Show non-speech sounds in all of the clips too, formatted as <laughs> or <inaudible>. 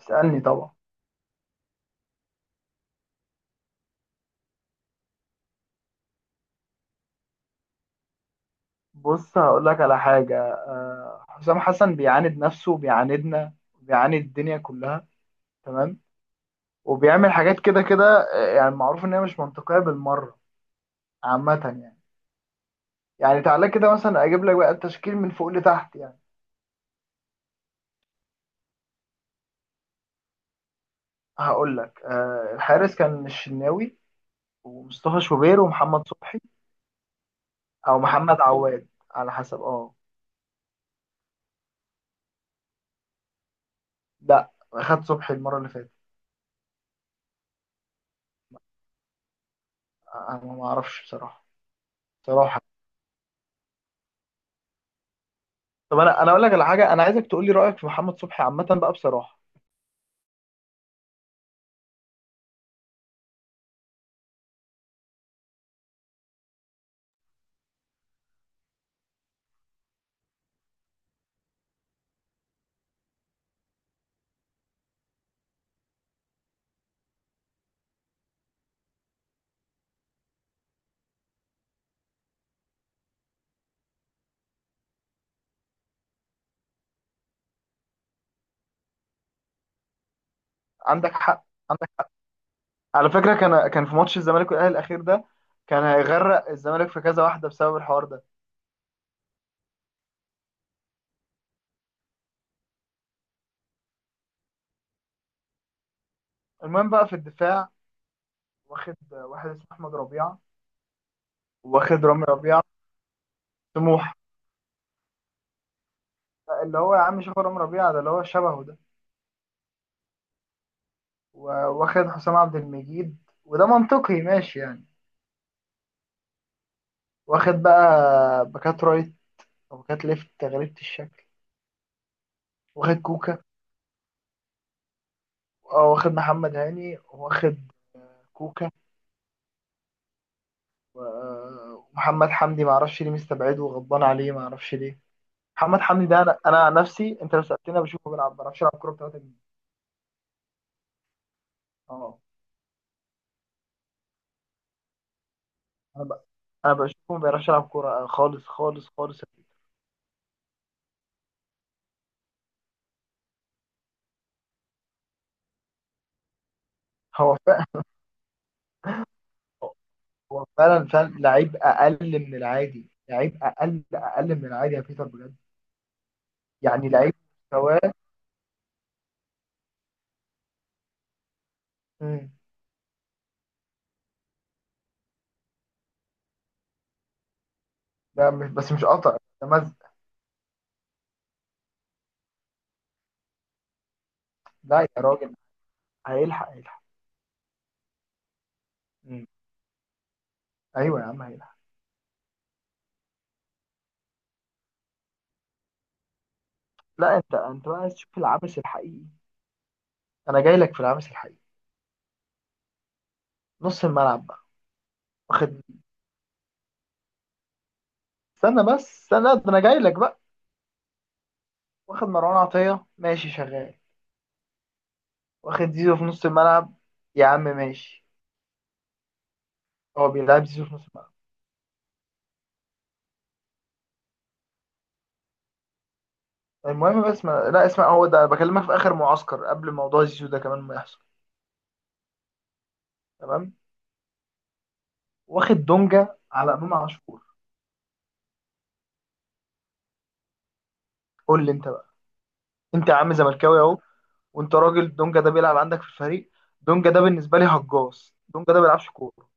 اسألني طبعا. بص، هقول لك على حاجة. حسام حسن بيعاند نفسه وبيعاندنا وبيعاند الدنيا كلها، تمام، وبيعمل حاجات كده كده. يعني معروف إن هي مش منطقية بالمرة، عامة يعني تعالى كده مثلا أجيب لك بقى التشكيل من فوق لتحت يعني. هقول لك، الحارس كان الشناوي ومصطفى شوبير ومحمد صبحي، أو محمد عواد على حسب لا، خد صبحي المرة اللي فاتت. أنا ما أعرفش بصراحة. بصراحة، طب انا اقول لك على حاجه، انا عايزك تقول لي رايك في محمد صبحي عامه بقى بصراحه. عندك حق، عندك حق. على فكره، كان في ماتش الزمالك والاهلي الاخير ده، كان هيغرق الزمالك في كذا واحده بسبب الحوار ده. المهم بقى، في الدفاع، واخد واحد اسمه احمد ربيعه، واخد رامي ربيعه سموح. اللي هو يا عم، شوف، رامي ربيعه ده اللي هو شبهه ده. واخد حسام عبد المجيد، وده منطقي ماشي يعني. واخد بقى باكات رايت وباكات ليفت غريبه الشكل. واخد كوكا. واخد محمد هاني، واخد كوكا. و- ومحمد حمدي ما اعرفش ليه مستبعده وغضبان عليه، ما اعرفش ليه. محمد حمدي ده، انا عن نفسي، انت لو سالتني، أنا بشوفه بيلعب، ما بيعرفش يلعب كوره ب 3 جنيه. اه انا ب... انا بشوفه ما بيعرفش يلعب كوره خالص خالص خالص. هو فعلا، هو فعلا لعيب اقل من العادي، لعيب اقل اقل من العادي يا بيتر بجد. يعني لعيب، مستواه. مم. ده مش بس مش قطع، ده مز... لا يا راجل، هيلحق هيلحق. مم. ايوه يا عم هيلحق. لا، انت بقى عايز تشوف العبث الحقيقي، انا جاي لك في العبث الحقيقي. نص الملعب بقى، واخد استنى بس، استنى، ده انا جاي لك بقى. واخد مروان عطية ماشي شغال، واخد زيزو في نص الملعب. يا عم ماشي، هو بيلعب زيزو في نص الملعب؟ المهم، بس ما... لا، اسمع، هو ده بكلمك في اخر معسكر، قبل موضوع زيزو ده كمان ما يحصل، تمام. واخد دونجا على امام عاشور. قول لي انت بقى، انت يا عم زملكاوي اهو، وانت راجل دونجا ده بيلعب عندك في الفريق. دونجا ده بالنسبه لي هجاص، دونجا ده بيلعبش كوره.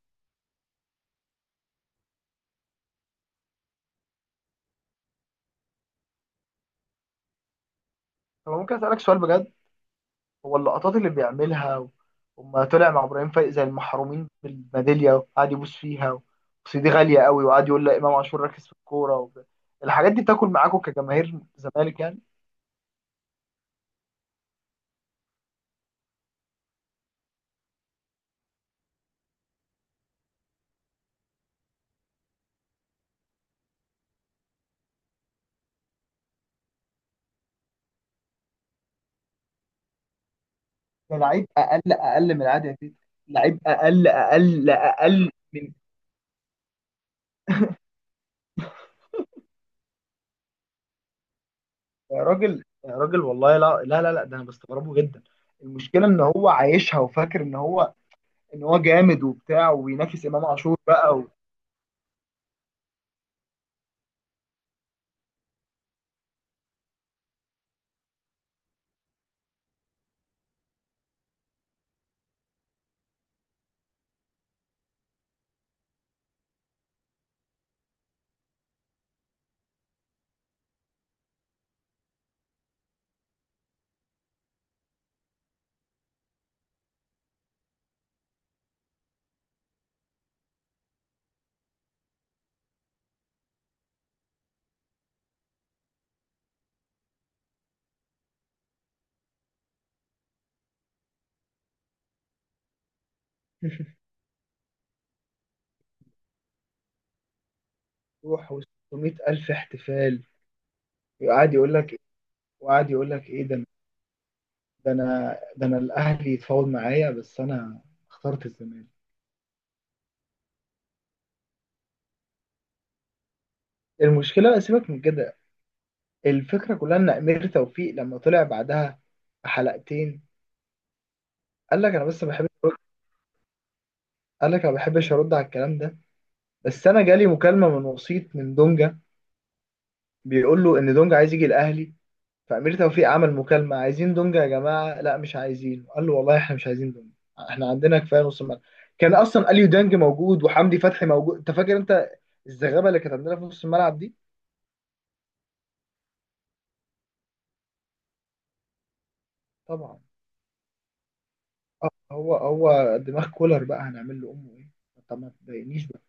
طب ممكن اسالك سؤال بجد، هو اللقطات اللي بيعملها، وما طلع مع ابراهيم فايق زي المحرومين بالميداليه، وقعد يبوس فيها بس دي غاليه قوي، وقعد يقول لا امام عاشور ركز في الكوره الحاجات دي، بتاكل معاكم كجماهير زمالك يعني؟ ده لعيب اقل اقل من العادي يا تيت، لعيب اقل اقل اقل من. يا راجل يا راجل والله، لا لا لا, لا، ده انا بستغربه جدا. المشكله ان هو عايشها وفاكر ان هو، جامد وبتاع وبينافس امام عاشور بقى و... <laughs> روح و 600 الف احتفال، وقعد يقول لك، وقعد يقول لك ايه ده؟ ده انا، الاهلي يتفاوض معايا بس انا اخترت الزمالك. المشكله، سيبك من كده، الفكره كلها ان امير توفيق لما طلع بعدها بحلقتين، قال لك انا بس بحب، قال لك انا ما بحبش ارد على الكلام ده، بس انا جالي مكالمه من وسيط من دونجا بيقول له ان دونجا عايز يجي الاهلي. فأمير توفيق عمل مكالمة: عايزين دونجا يا جماعة؟ لا، مش عايزين. قال له والله احنا مش عايزين دونجا، احنا عندنا كفاية نص الملعب. كان أصلا أليو دانج موجود، وحمدي فتحي موجود، أنت فاكر أنت الزغابة اللي كانت عندنا في نص الملعب دي؟ طبعا. هو دماغ كولر بقى، هنعمل له أمه إيه؟ طب ما تضايقنيش بقى.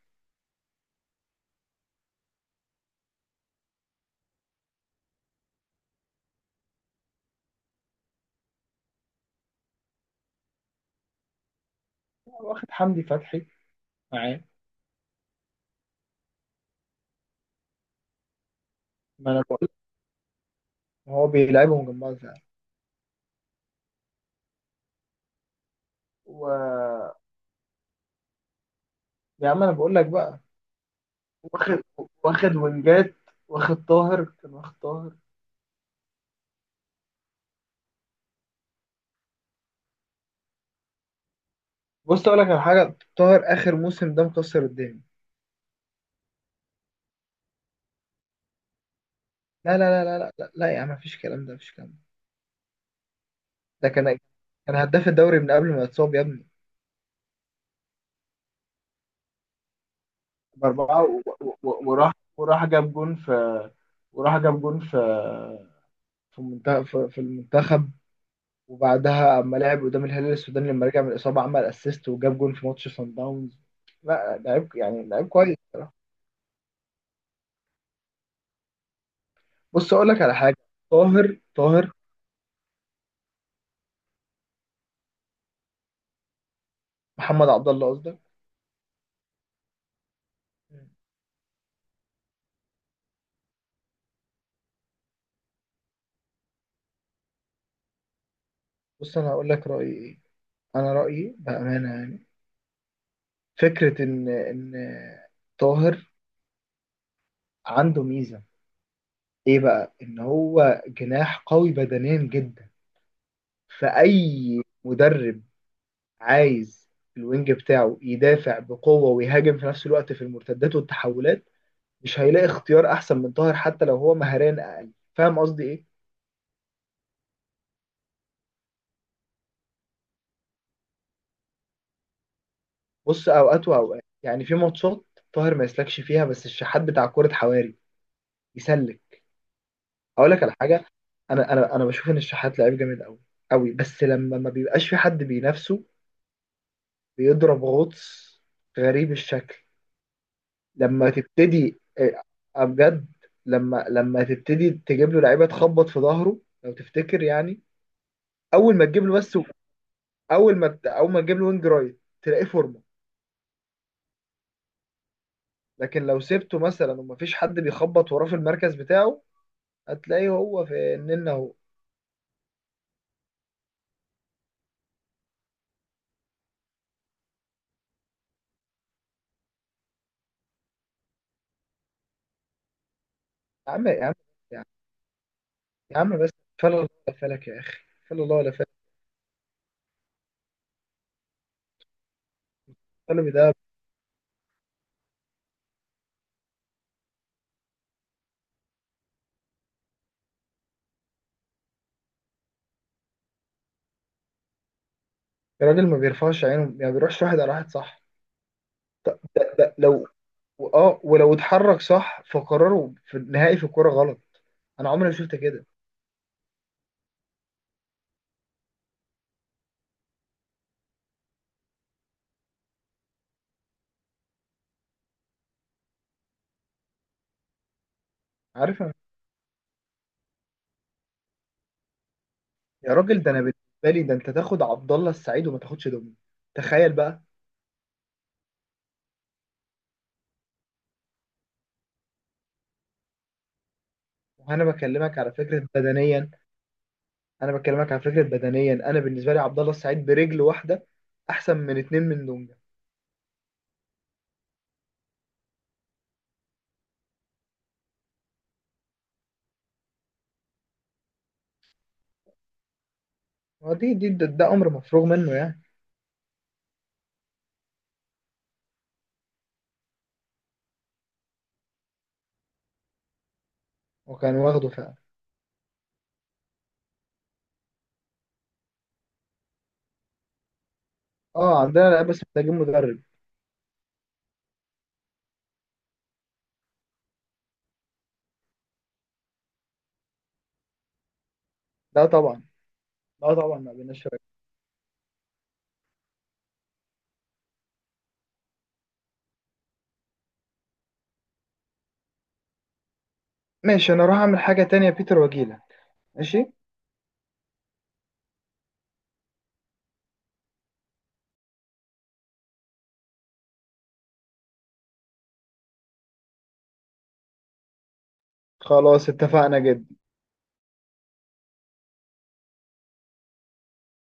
هو واخد حمدي فتحي معاه. ما أنا بقول، هو بيلعبهم جنبها فعلا. و يا عم أنا بقول لك بقى، واخد، وينجات، واخد طاهر. كان واخد طاهر. بص اقول لك على حاجه، طاهر اخر موسم ده مكسر الدنيا. لا لا لا لا لا لا, لا يا عم، مفيش كلام ده، مفيش كلام ده. ده كان هداف الدوري من قبل ما يتصاب يا ابني. باربعه وراح جاب جون في، وراح جاب جون في في المنتخب، في المنتخب. وبعدها اما لعب قدام الهلال السوداني لما رجع من الاصابه، عمل اسيست وجاب جون في ماتش سان داونز. لا، لعيب يعني، لعيب كويس بصراحه. بص اقول لك على حاجه، طاهر، محمد عبد الله قصدك. بص انا هقول لك رايي ايه، انا رايي بامانه يعني، فكره ان طاهر عنده ميزه. ايه بقى؟ ان هو جناح قوي بدنيا جدا. فاي مدرب عايز الوينج بتاعه يدافع بقوه ويهاجم في نفس الوقت في المرتدات والتحولات، مش هيلاقي اختيار احسن من طاهر، حتى لو هو مهاريا اقل، فاهم قصدي ايه؟ بص، اوقات واوقات يعني، في ماتشات طاهر ما يسلكش فيها، بس الشحات بتاع كره حواري يسلك. هقول لك على حاجه، انا بشوف ان الشحات لعيب جامد قوي قوي، بس لما ما بيبقاش في حد بينافسه، بيضرب غطس غريب الشكل. لما تبتدي بجد، لما تبتدي تجيب له لعيبه تخبط في ظهره لو تفتكر يعني، اول ما تجيب له، بس اول ما تجيب له وينج رايت، تلاقيه فورمه. لكن لو سبته مثلا ومفيش حد بيخبط وراه في المركز بتاعه، هتلاقيه هو في النن اهو. يا عم يا عم يا عم يا عم بس، فلا الله ولا فلك يا اخي، فلا الله ولا فلك. القلب ده، الراجل ما بيرفعش عينه يعني، بيروحش واحد على واحد، صح؟ لا، لو، اه ولو اتحرك صح، فقراره في النهائي في الكوره غلط. انا عمري ما شفت كده. عارف أنا- يا راجل، ده انا بالنسبه لي، ده انت تاخد عبد الله السعيد وما تاخدش دومين، تخيل بقى. وانا بكلمك على فكره بدنيا، انا بالنسبه لي عبد الله السعيد برجل واحده احسن من اتنين من دونجا. ما دي دي ده امر مفروغ منه يعني. وكان واخده فعلا. اه، عندنا، لا بس محتاجين مدرب. لا طبعا، لا طبعا، ما بيناش. ماشي، انا اروح اعمل حاجة تانية يا بيتر واجيلك. ماشي، خلاص اتفقنا جدا.